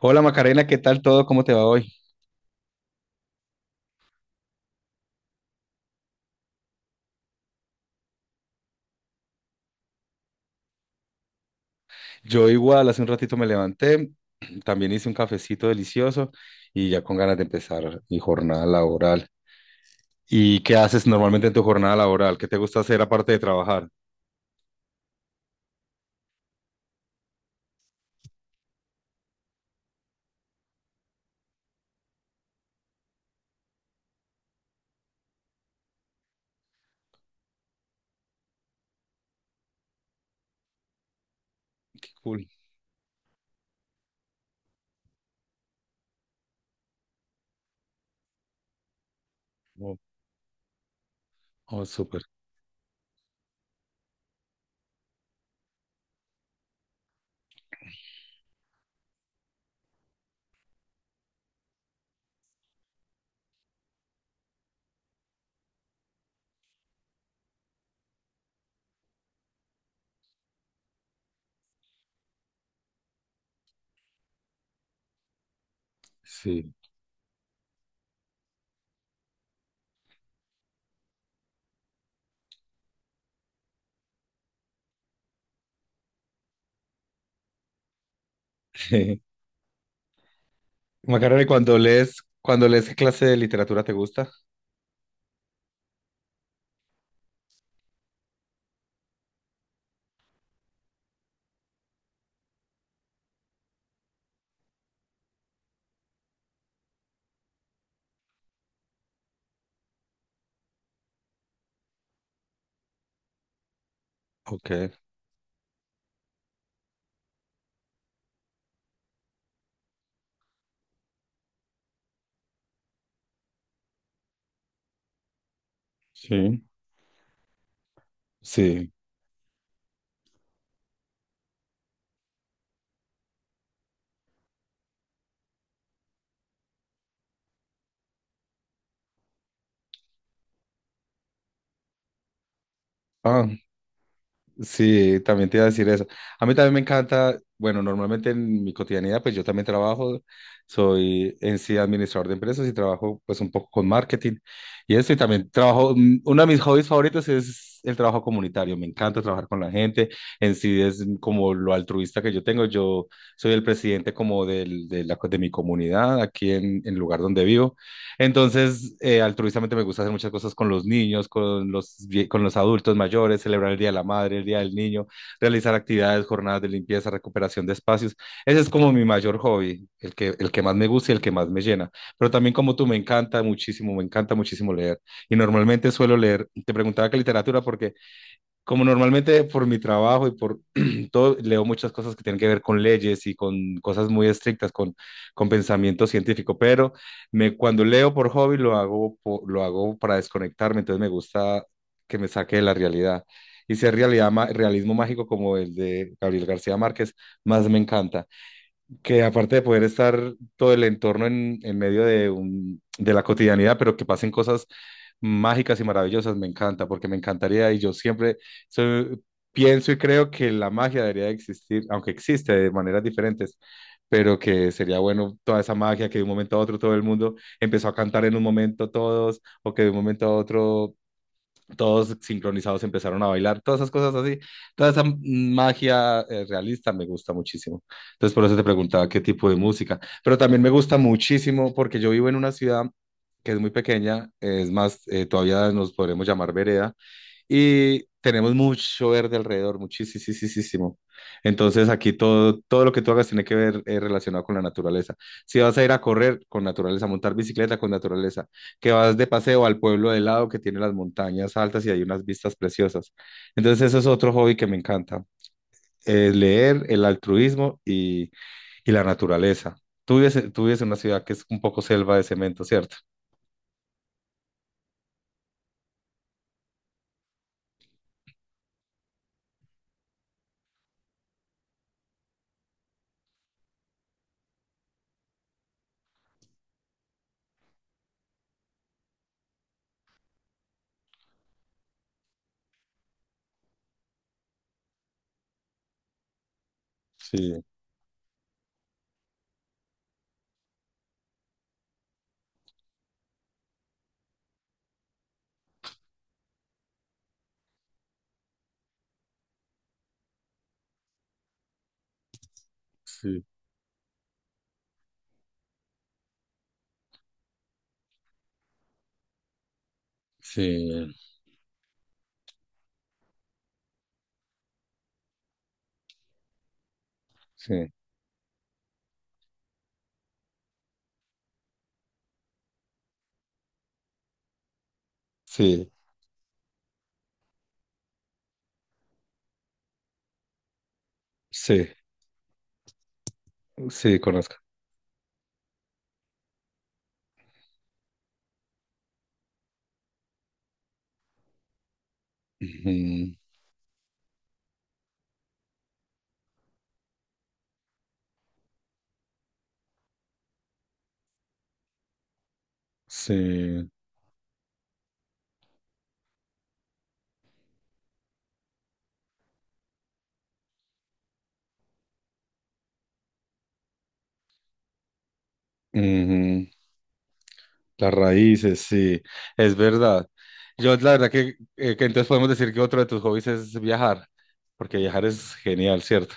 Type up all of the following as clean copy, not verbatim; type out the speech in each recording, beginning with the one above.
Hola Macarena, ¿qué tal todo? ¿Cómo te va hoy? Yo igual, hace un ratito me levanté, también hice un cafecito delicioso y ya con ganas de empezar mi jornada laboral. ¿Y qué haces normalmente en tu jornada laboral? ¿Qué te gusta hacer aparte de trabajar? Qué cool. Oh, oh, súper. Sí. Macarena, ¿y cuando lees qué clase de literatura te gusta? Ok. Sí. Sí. Ah, sí, también te iba a decir eso. A mí también me encanta, bueno, normalmente en mi cotidianidad, pues yo también trabajo, soy en sí administrador de empresas y trabajo pues un poco con marketing y eso, y también trabajo, uno de mis hobbies favoritos es el trabajo comunitario, me encanta trabajar con la gente, en sí es como lo altruista que yo tengo, yo soy el presidente como del, de, la, de mi comunidad aquí en el lugar donde vivo. Entonces, altruistamente me gusta hacer muchas cosas con los niños, con los, con los adultos mayores, celebrar el Día de la Madre, el Día del Niño, realizar actividades, jornadas de limpieza, recuperación de espacios. Ese es como mi mayor hobby, el que más me gusta y el que más me llena. Pero también como tú, me encanta muchísimo leer. Y normalmente suelo leer, te preguntaba qué literatura, porque como normalmente por mi trabajo y por todo, leo muchas cosas que tienen que ver con leyes y con cosas muy estrictas, con pensamiento científico, pero cuando leo por hobby lo hago, lo hago para desconectarme, entonces me gusta que me saque de la realidad. Y si es realidad, realismo mágico como el de Gabriel García Márquez, más me encanta, que aparte de poder estar todo el entorno en medio de, un, de la cotidianidad, pero que pasen cosas mágicas y maravillosas, me encanta, porque me encantaría y yo siempre soy- pienso y creo que la magia debería de existir, aunque existe de maneras diferentes, pero que sería bueno toda esa magia, que de un momento a otro todo el mundo empezó a cantar en un momento todos, o que de un momento a otro todos sincronizados empezaron a bailar, todas esas cosas así, toda esa magia realista me gusta muchísimo. Entonces por eso te preguntaba qué tipo de música, pero también me gusta muchísimo porque yo vivo en una ciudad que es muy pequeña, es más, todavía nos podremos llamar vereda, y tenemos mucho verde alrededor, muchísimo. Entonces aquí todo, todo lo que tú hagas tiene que ver relacionado con la naturaleza. Si vas a ir a correr, con naturaleza, montar bicicleta, con naturaleza, que vas de paseo al pueblo de lado que tiene las montañas altas y hay unas vistas preciosas. Entonces eso es otro hobby que me encanta, es leer, el altruismo y la naturaleza. Tú vives, tú vives en una ciudad que es un poco selva de cemento, ¿cierto? Sí, sí, sí. Sí, sí, sí, sí, conozco. Ujú, sí, ujú, las raíces, sí, es verdad. Yo la verdad que entonces podemos decir que otro de tus hobbies es viajar, porque viajar es genial, ¿cierto?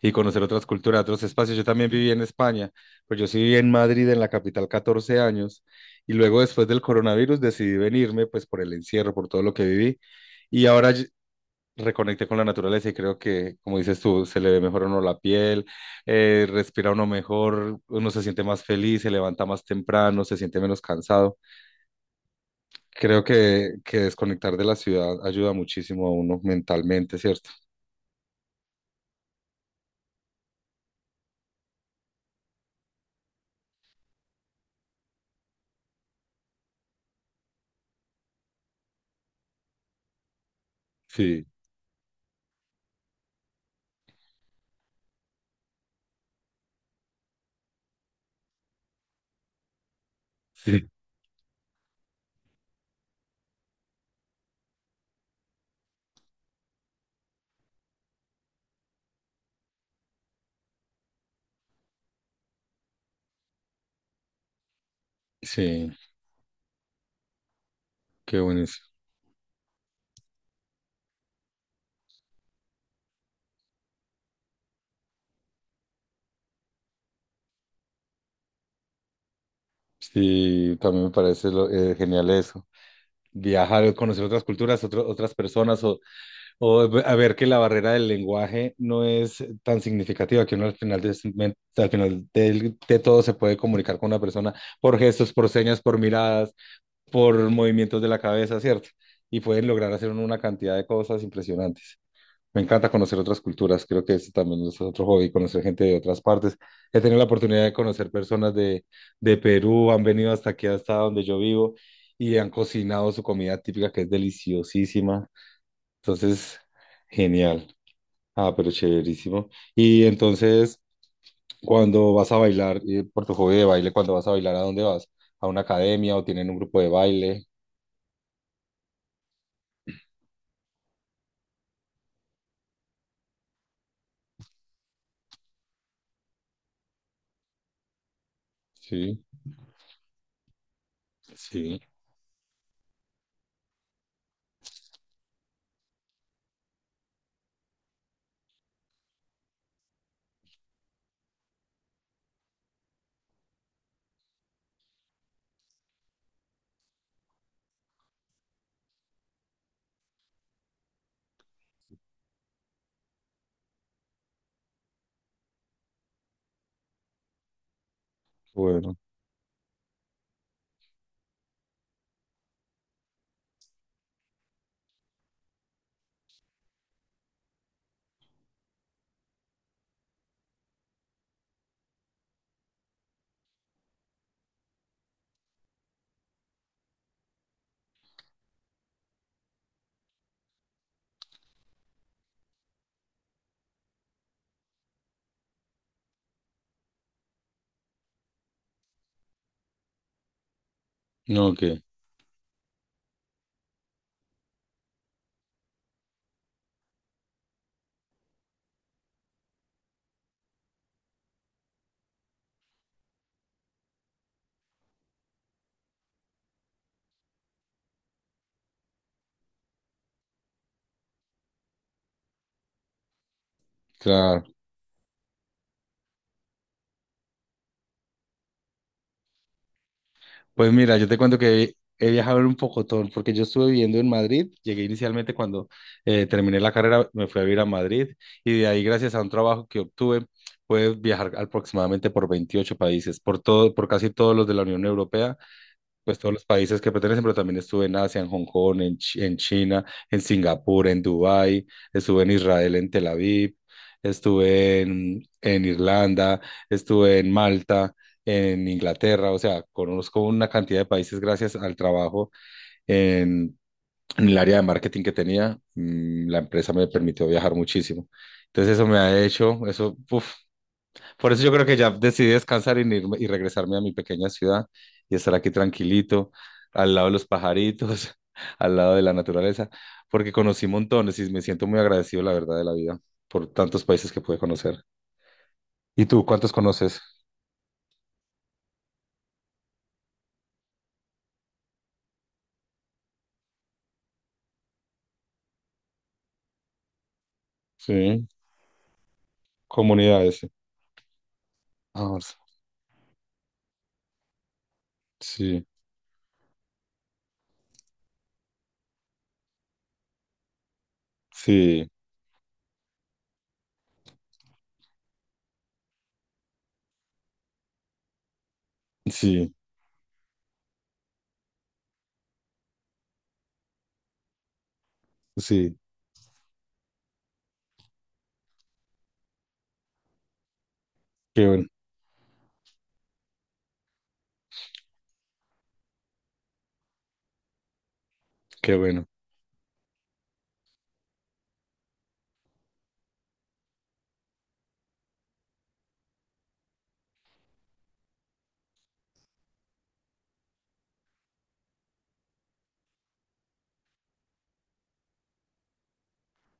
Y conocer otras culturas, otros espacios. Yo también viví en España, pues yo sí viví en Madrid, en la capital, 14 años, y luego después del coronavirus decidí venirme, pues por el encierro, por todo lo que viví, y ahora reconecté con la naturaleza y creo que, como dices tú, se le ve mejor a uno la piel, respira uno mejor, uno se siente más feliz, se levanta más temprano, se siente menos cansado. Creo que desconectar de la ciudad ayuda muchísimo a uno mentalmente, ¿cierto? Sí, sí, sí, qué buenísimo. Sí, también me parece genial eso. Viajar, conocer otras culturas, otras personas, o a ver que la barrera del lenguaje no es tan significativa, que uno al final de, de todo se puede comunicar con una persona por gestos, por señas, por miradas, por movimientos de la cabeza, ¿cierto? Y pueden lograr hacer uno una cantidad de cosas impresionantes. Me encanta conocer otras culturas, creo que eso también es otro hobby, conocer gente de otras partes. He tenido la oportunidad de conocer personas de Perú, han venido hasta aquí, hasta donde yo vivo, y han cocinado su comida típica, que es deliciosísima. Entonces, genial. Ah, pero chéverísimo. Y entonces, cuando vas a bailar, por tu hobby de baile, cuando vas a bailar, ¿a dónde vas? ¿A una academia o tienen un grupo de baile? Sí, sí. Bueno, no, que, claro. Pues mira, yo te cuento que he viajado en un pocotón, porque yo estuve viviendo en Madrid. Llegué inicialmente cuando terminé la carrera, me fui a vivir a Madrid y de ahí, gracias a un trabajo que obtuve, puedes viajar aproximadamente por 28 países, por todo, por casi todos los de la Unión Europea, pues todos los países que pertenecen, pero también estuve en Asia, en Hong Kong, en, en China, en Singapur, en Dubái, estuve en Israel, en Tel Aviv, estuve en Irlanda, estuve en Malta, en Inglaterra, o sea, conozco una cantidad de países gracias al trabajo en, en el área de marketing que tenía, la empresa me permitió viajar muchísimo. Entonces eso me ha hecho, eso, por eso yo creo que ya decidí descansar y, y regresarme a mi pequeña ciudad y estar aquí tranquilito, al lado de los pajaritos, al lado de la naturaleza, porque conocí montones y me siento muy agradecido, la verdad, de la vida por tantos países que pude conocer. ¿Y tú, cuántos conoces? Sí, comunidades. Ah, sí, sí, sí, sí. Qué bueno, qué bueno.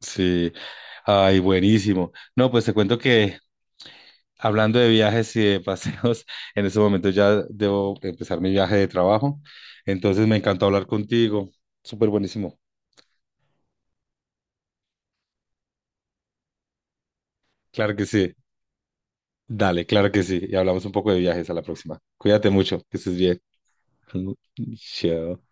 Sí. Ay, buenísimo. No, pues te cuento que, hablando de viajes y de paseos, en este momento ya debo empezar mi viaje de trabajo. Entonces me encantó hablar contigo. Súper buenísimo. Claro que sí. Dale, claro que sí. Y hablamos un poco de viajes a la próxima. Cuídate mucho, que estés bien. Chao.